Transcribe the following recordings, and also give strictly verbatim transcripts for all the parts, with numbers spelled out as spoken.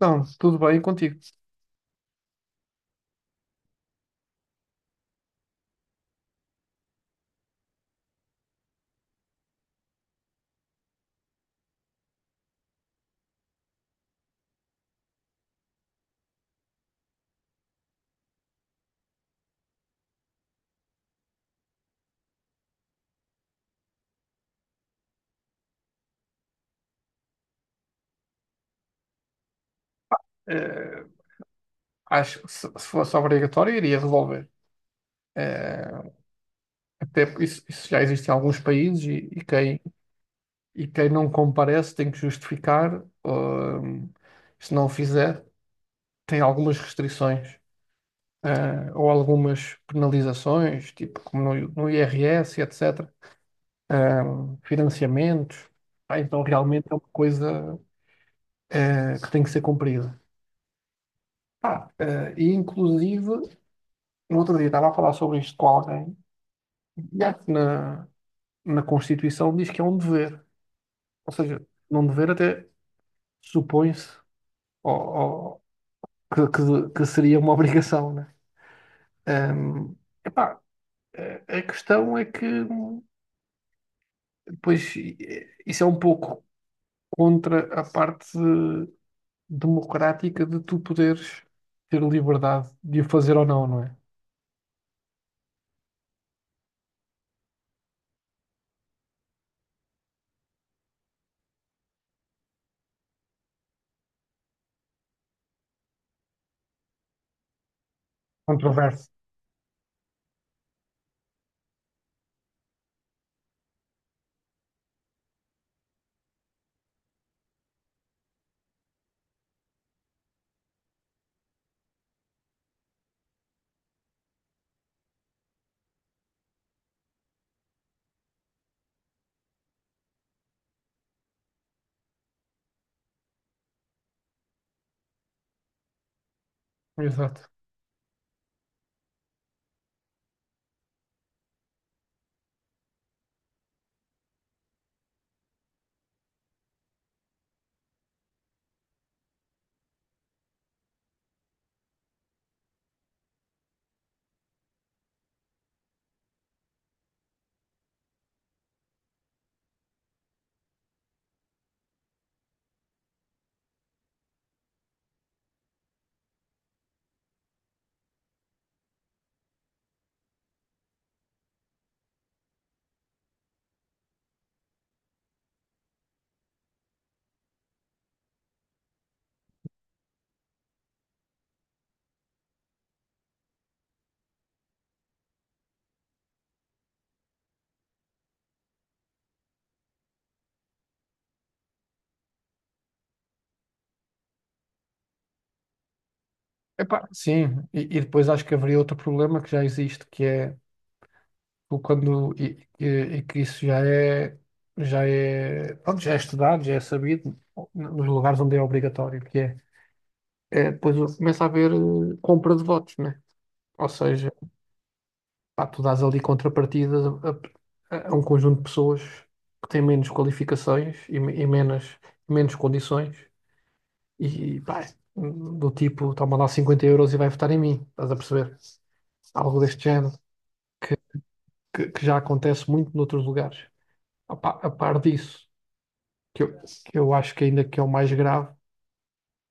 Não, tudo bem contigo. Eh, Acho que se, se fosse obrigatório, iria resolver. Eh, Até porque isso, isso já existe em alguns países e, e quem, e quem não comparece tem que justificar, hum, se não o fizer, tem algumas restrições, eh, ou algumas penalizações, tipo como no, no I R S, etecetera. Hum, financiamentos. Ah, então realmente é uma coisa, eh, que tem que ser cumprida. Ah, eh, e inclusive no outro dia estava a falar sobre isto com alguém e acho que na, na Constituição diz que é um dever. Ou seja, num dever até supõe-se ou- ou que, que- que seria uma obrigação, né? Ahm, Epá, a a questão é que depois eh, isso é um pouco contra a parte democrática de tu poderes ter liberdade de o fazer ou não, não é? Controverso. Exato. Epá, sim, e, e depois acho que haveria outro problema que já existe, que é o quando e, e- e que isso já é já é pronto, já é estudado, já é sabido nos lugares onde é obrigatório, que é, é depois começa a haver eh, compra de votos, né? Ou seja, pá, tu dás ali contrapartidas a, a- a um conjunto de pessoas que têm menos qualificações e, me- e menos, menos condições e pá, do tipo, toma lá cinquenta euros e vai votar em mim, estás a perceber? Algo deste género. que, que- que já acontece muito noutros lugares. A pa- a par disso, que eu, que eu acho que ainda que é o mais grave,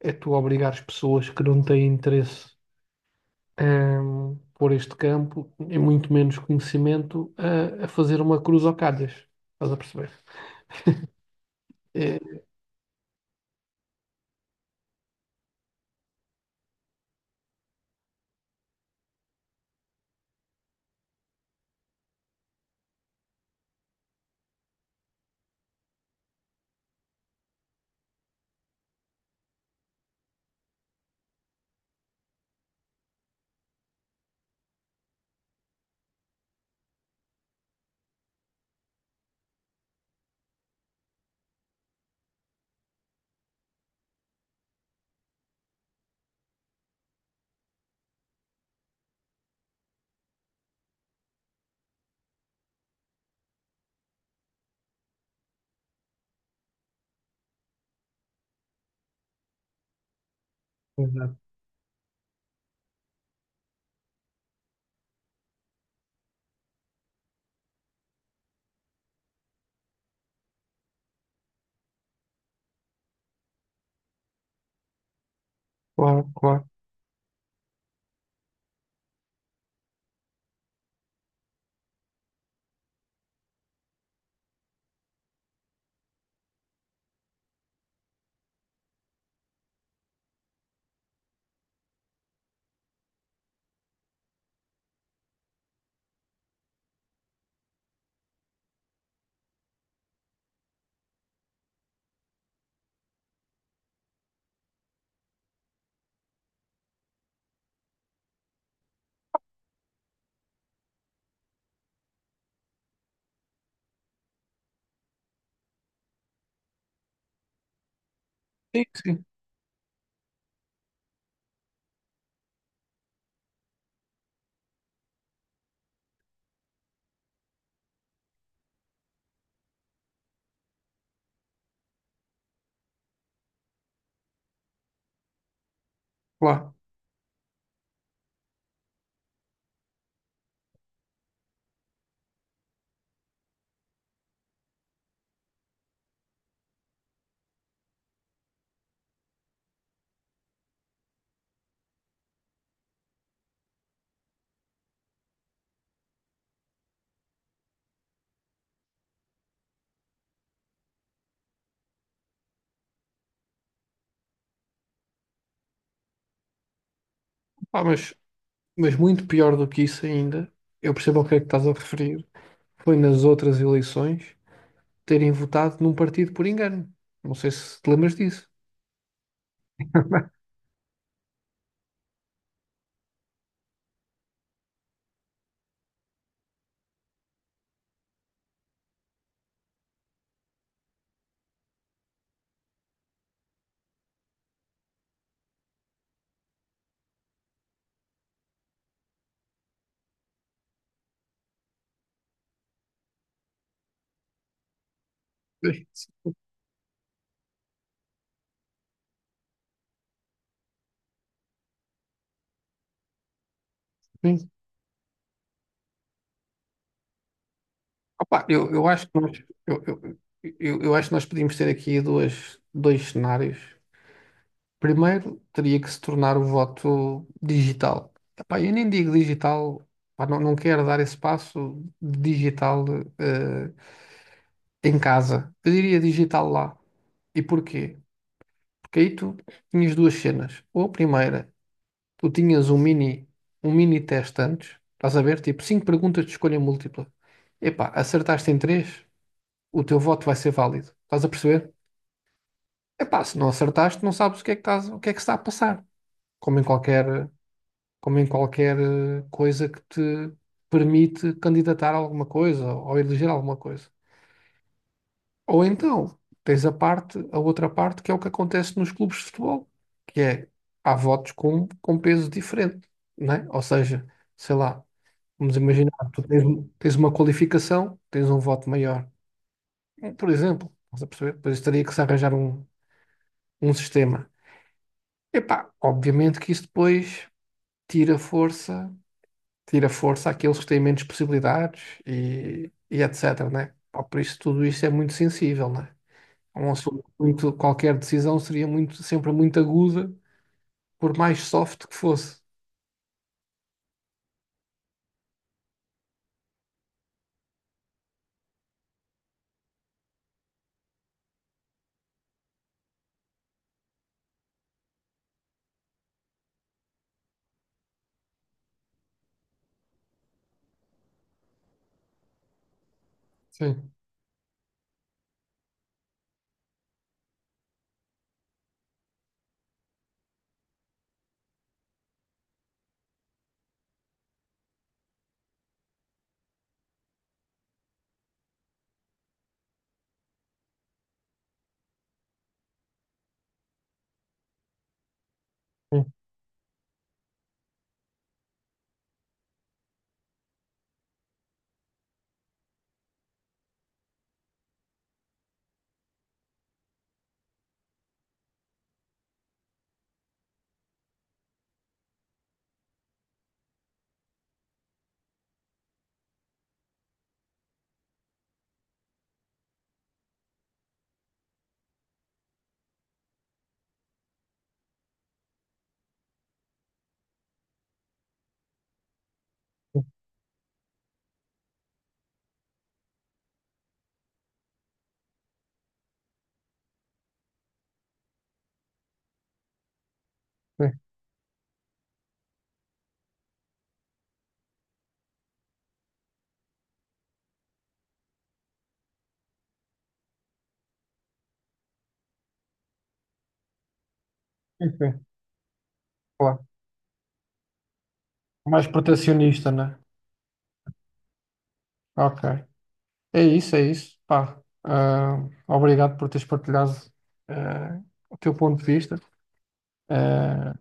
é tu obrigares pessoas que não têm interesse em, por este campo, e muito menos conhecimento, a, a fazer uma cruz ao calhas. Estás a perceber? É. Exato. Claro, claro. Sim, sim, claro. Pá, mas, mas muito pior do que isso ainda, eu percebo ao que é que estás a referir, foi nas outras eleições terem votado num partido por engano. Não sei se te lembras disso. Sim. Sim. Opa, eu, eu acho que nós, eu, eu, eu, eu acho que nós podíamos ter aqui duas, dois cenários. Primeiro, teria que se tornar o voto digital. Epá, eu nem digo digital, pá, não, não quero dar esse passo de digital eh, em casa. Eu diria digital lá. E porquê? Porque aí tu tinhas duas cenas. Ou a primeira, tu tinhas um mini, um mini teste antes, estás a ver? Tipo, cinco perguntas de escolha múltipla. Epá, acertaste em três? O teu voto vai ser válido. Estás a perceber? Epá, se não acertaste, não sabes o que é que estás, o que é que está a passar. Como em qualquer, Como em qualquer eh, coisa que te permite candidatar a alguma coisa ou eleger alguma coisa. Ou então, tens a parte, a outra parte, que é o que acontece nos clubes de futebol, que é, há votos com, com peso diferente, não é? Ou seja, sei lá, vamos imaginar, tu tens, tens uma qualificação, tens um voto maior. Por exemplo, estás a perceber? Depois teria que se arranjar um, um sistema. Epá, obviamente que isso depois tira força, tira força àqueles que têm menos possibilidades e, e etc, né? Pá, por isso tudo isto é muito sensível, né? É um assunto muito, qualquer decisão seria muito, sempre muito aguda, por mais soft que fosse. Sim, sim, sim, sim, sim, claro. Mais protecionista, né? Ok. É isso, é isso. Pá, ah, obrigado por teres partilhado ah, o teu ponto de vista. Ah,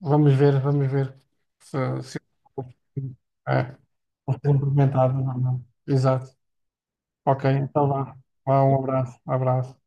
Vamos ver, vamos ver se, se... é, vou ser implementado ou não. Exato. Ok, então vá. Vá, um abraço, um abraço.